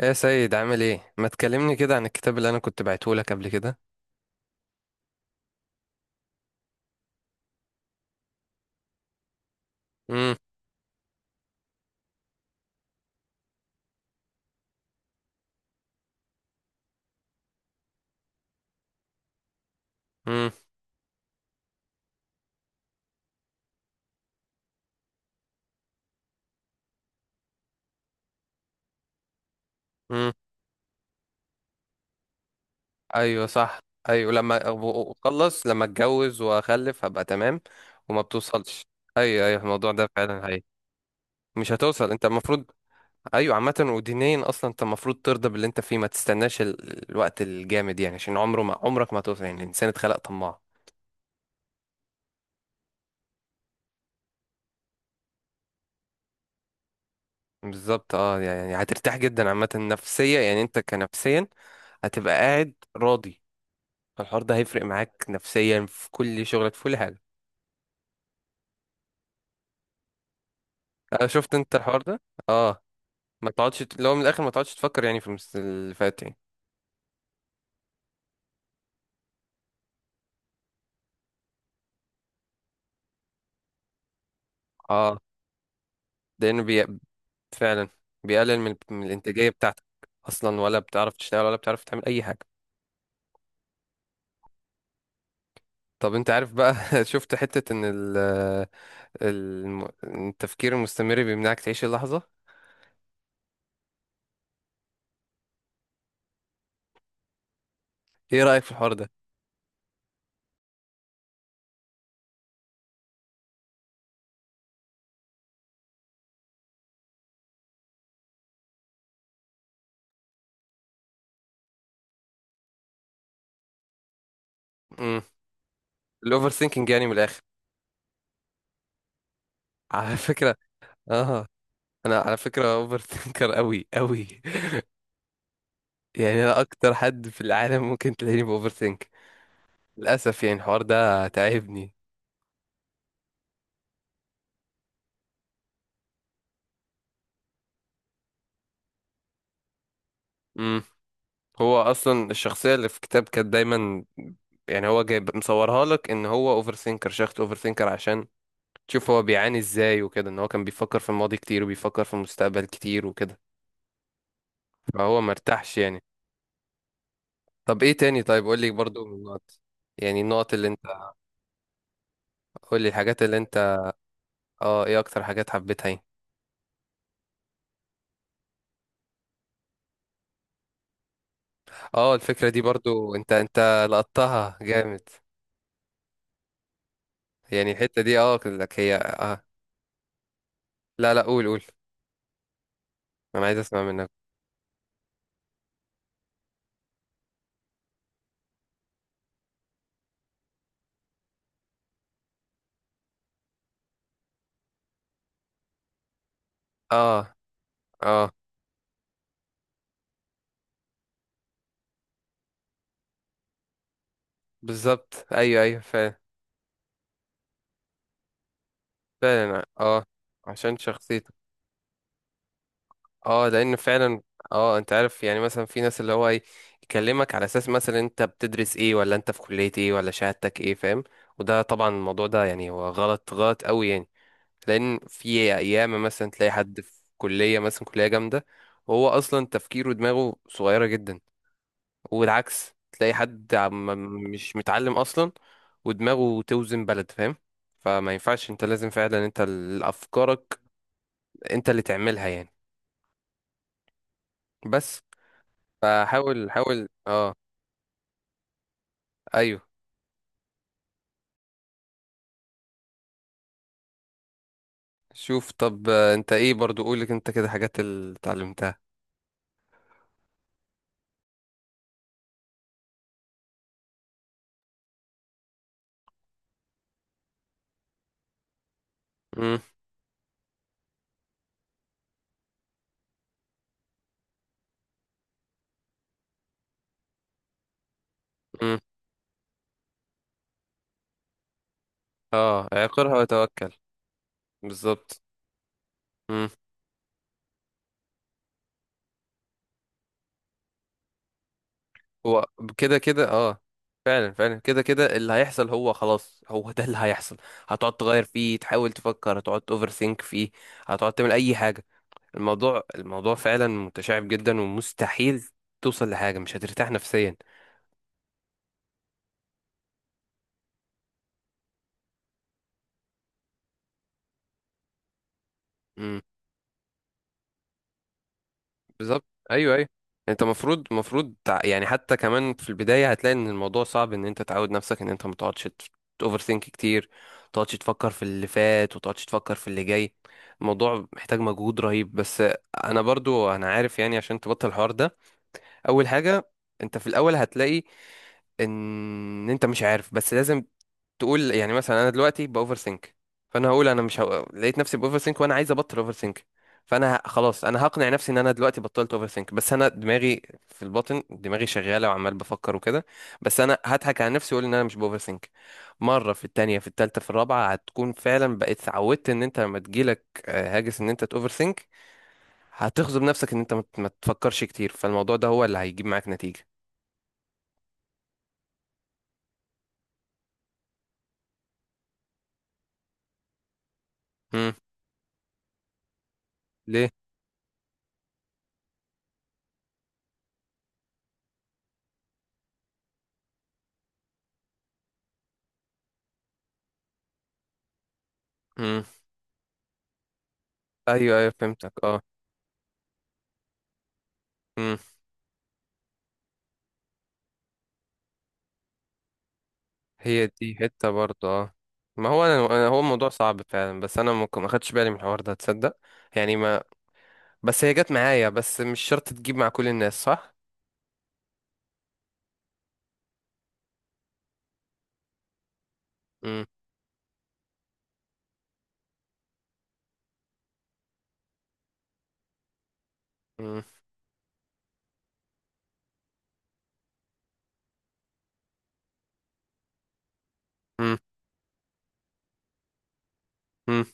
ايه يا سيد، عامل ايه؟ ما تكلمني كده عن الكتاب اللي انا كنت بعته لك قبل كده؟ امم. امم. امم. ايوه، صح. ايوه، لما اخلص، لما اتجوز واخلف هبقى تمام. وما بتوصلش. ايوه، ايوه، الموضوع ده فعلا. هي... مش هتوصل، انت المفروض... ايوه، عامه ودينيا اصلا انت المفروض ترضى باللي انت فيه، ما تستناش الوقت الجامد يعني، عشان عمره ما عمرك ما هتوصل، يعني الانسان اتخلق طماع. بالظبط، اه يعني هترتاح جدا عامه نفسيا، يعني انت كنفسيا هتبقى قاعد راضي. فالحوار ده هيفرق معاك نفسيا في كل شغلك، في كل حاجة. أنا شفت أنت الحوار ده. اه، ما تقعدش ت- لو من الآخر ما تقعدش تفكر يعني في اللي فات يعني. اه، لأنه بي... فعلا بيقلل من الإنتاجية بتاعتك. أصلا، ولا بتعرف تشتغل ولا بتعرف تعمل أي حاجة. طب أنت عارف بقى؟ شفت حتة إن التفكير المستمر بيمنعك تعيش اللحظة. إيه رأيك في الحوار ده؟ امم. الأوفر ثينكينج يعني، من الآخر. على فكرة اه أنا على فكرة أوفر ثينكر أوي أوي. يعني انا اكتر حد في العالم ممكن تلاقيني باوفر ثينك. للاسف، يعني الحوار ده تعبني. امم. هو اصلا الشخصيه اللي في الكتاب كانت دايما يعني، هو جايب مصورها لك ان هو اوفر ثينكر عشان تشوف هو بيعاني ازاي وكده، ان هو كان بيفكر في الماضي كتير وبيفكر في المستقبل كتير وكده، فهو مرتاحش يعني. طب ايه تاني؟ طيب قول لي برضو من النقط. يعني النقط اللي انت... قول لي الحاجات اللي انت... اه، ايه اكتر حاجات حبيتها يعني؟ اه، الفكره دي برضو انت لقطتها جامد. يعني الحتة دي قلت لك، هي اه... لا، لا، قول، قول. انا عايز اسمع منك. اه، اه، بالظبط، ايوه، ايوه، فعلا. فعلا، اه عشان شخصيته. اه لان فعلا، اه انت عارف يعني، مثلا في ناس اللي هو ايه، يكلمك على اساس مثلا انت بتدرس ايه، ولا انت في كلية ايه، ولا شهادتك ايه، فاهم؟ وده طبعا الموضوع ده يعني هو غلط غلط قوي يعني. لان في ايام مثلا تلاقي حد في كلية مثلا، كلية جامدة، وهو اصلا تفكيره ودماغه صغيرة جدا. والعكس تلاقي حد مش متعلم اصلا ودماغه توزن بلد، فاهم؟ فما ينفعش، انت لازم فعلا انت افكارك انت اللي تعملها يعني، بس. فحاول حاول، اه، ايوه. شوف طب، انت ايه برضو قولك انت كده حاجات اللي اتعلمتها؟ امم. امم. اه، اعقرها وتوكل. بالظبط، هو كده كده اه. فعلا، فعلا كده كده اللي هيحصل، هو خلاص، هو ده اللي هيحصل. هتقعد تغير فيه، تحاول تفكر، هتقعد اوفر ثينك فيه. هتقعد تعمل اي حاجة. الموضوع فعلا متشعب جدا ومستحيل توصل لحاجة، مش هترتاح نفسيا. بالظبط، ايوه، ايوه. انت مفروض يعني حتى كمان في البدايه هتلاقي ان الموضوع صعب، ان انت تعود نفسك ان انت ما تقعدش اوفر ثينك كتير. ما تقعدش تفكر في اللي فات، وتقعدش تفكر في اللي جاي. الموضوع محتاج مجهود رهيب، بس. انا برضو انا عارف يعني، عشان تبطل الحوار ده. اول حاجه، انت في الاول هتلاقي ان انت مش عارف، بس لازم تقول يعني مثلا انا دلوقتي باوفر سينك. فانا هقول انا مش هو... لقيت نفسي باوفر سينك وانا عايز ابطل اوفر سينك. خلاص انا هقنع نفسي ان انا دلوقتي بطلت اوفر سينك، بس انا دماغي في الباطن دماغي شغاله وعمال بفكر وكده. بس انا هضحك على نفسي واقول ان انا مش باوفر سينك. مره، في التانية، في التالتة، في الرابعه هتكون فعلا بقيت اتعودت، ان انت لما تجيلك هاجس ان انت تاوفر سينك، هتغصب نفسك ان انت ما تفكرش كتير، فالموضوع ده هو اللي هيجيب معاك نتيجه. امم. ليه؟ امم. ايوه، ايوه، فهمتك. اه هي دي حتة برضه اه. ما هو انا انا هو الموضوع صعب فعلا، بس انا ممكن ما خدتش بالي من الحوار ده تصدق. يعني، ما... بس هي جت معايا، بس مش شرط تجيب مع كل الناس، صح؟ امم. امم. امم. امم.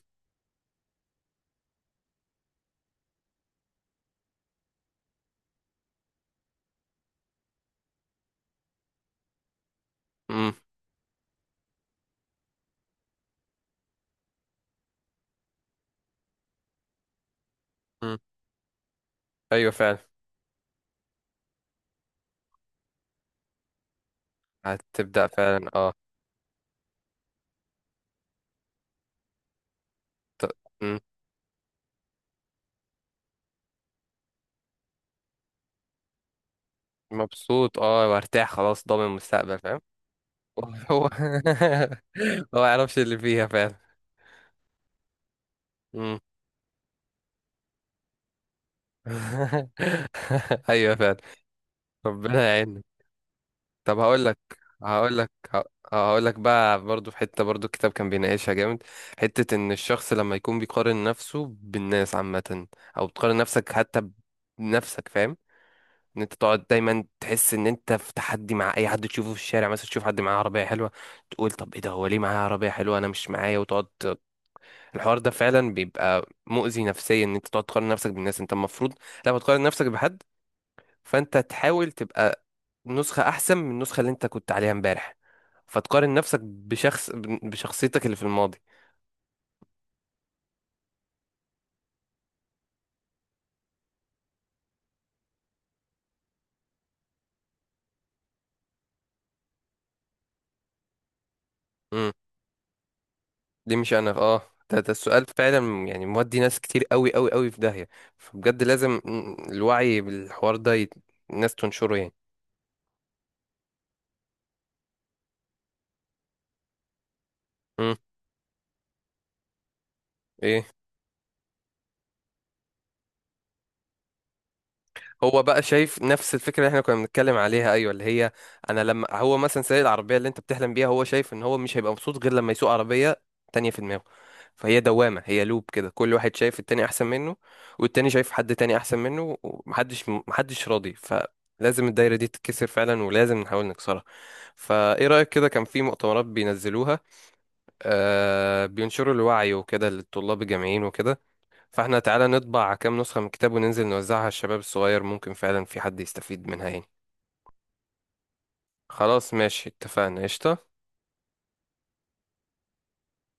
امم. امم. ايوه، فعلا. هتبدأ فعلا، اه. مم. مبسوط اه، وارتاح، خلاص ضامن المستقبل، فاهم؟ هو... هو ما يعرفش اللي فيها فعلا. امم. ايوه، فعلا. ربنا يعيننا. طب هقول لك هقول لك بقى برضو، في حتة برضو الكتاب كان بيناقشها جامد، حتة ان الشخص لما يكون بيقارن نفسه بالناس عامة، او بتقارن نفسك حتى بنفسك، فاهم؟ ان انت تقعد دايما تحس ان انت في تحدي مع اي حد تشوفه في الشارع، مثلا تشوف حد معاه عربية حلوة، تقول طب ايه ده، هو ليه معاه عربية حلوة انا مش معايا، وتقعد. الحوار ده فعلا بيبقى مؤذي نفسيا، ان انت تقعد تقارن نفسك بالناس. انت المفروض لما تقارن نفسك بحد، فانت تحاول تبقى نسخة احسن من النسخة اللي انت كنت عليها امبارح. فتقارن نفسك بشخصيتك اللي في الماضي. امم. دي مش انا، اه. ده السؤال فعلا، يعني مودي ناس كتير قوي قوي قوي في داهية. فبجد لازم الوعي بالحوار ده يت... الناس تنشره يعني. امم. ايه؟ هو بقى شايف نفس الفكره اللي احنا كنا بنتكلم عليها، ايوه، اللي هي، انا لما هو مثلا سايق العربيه اللي انت بتحلم بيها، هو شايف ان هو مش هيبقى مبسوط غير لما يسوق عربيه تانية في دماغه. فهي دوامه، هي لوب كده، كل واحد شايف التاني احسن منه، والتاني شايف حد تاني احسن منه، ومحدش محدش راضي، فلازم الدايره دي تتكسر فعلا، ولازم نحاول نكسرها. فايه رايك؟ كده كان في مؤتمرات بينزلوها، بينشروا الوعي وكده للطلاب الجامعيين وكده، فاحنا تعالى نطبع كام نسخة من الكتاب وننزل نوزعها على الشباب الصغير، ممكن فعلا في حد يستفيد منها يعني. خلاص، ماشي، اتفقنا، قشطة.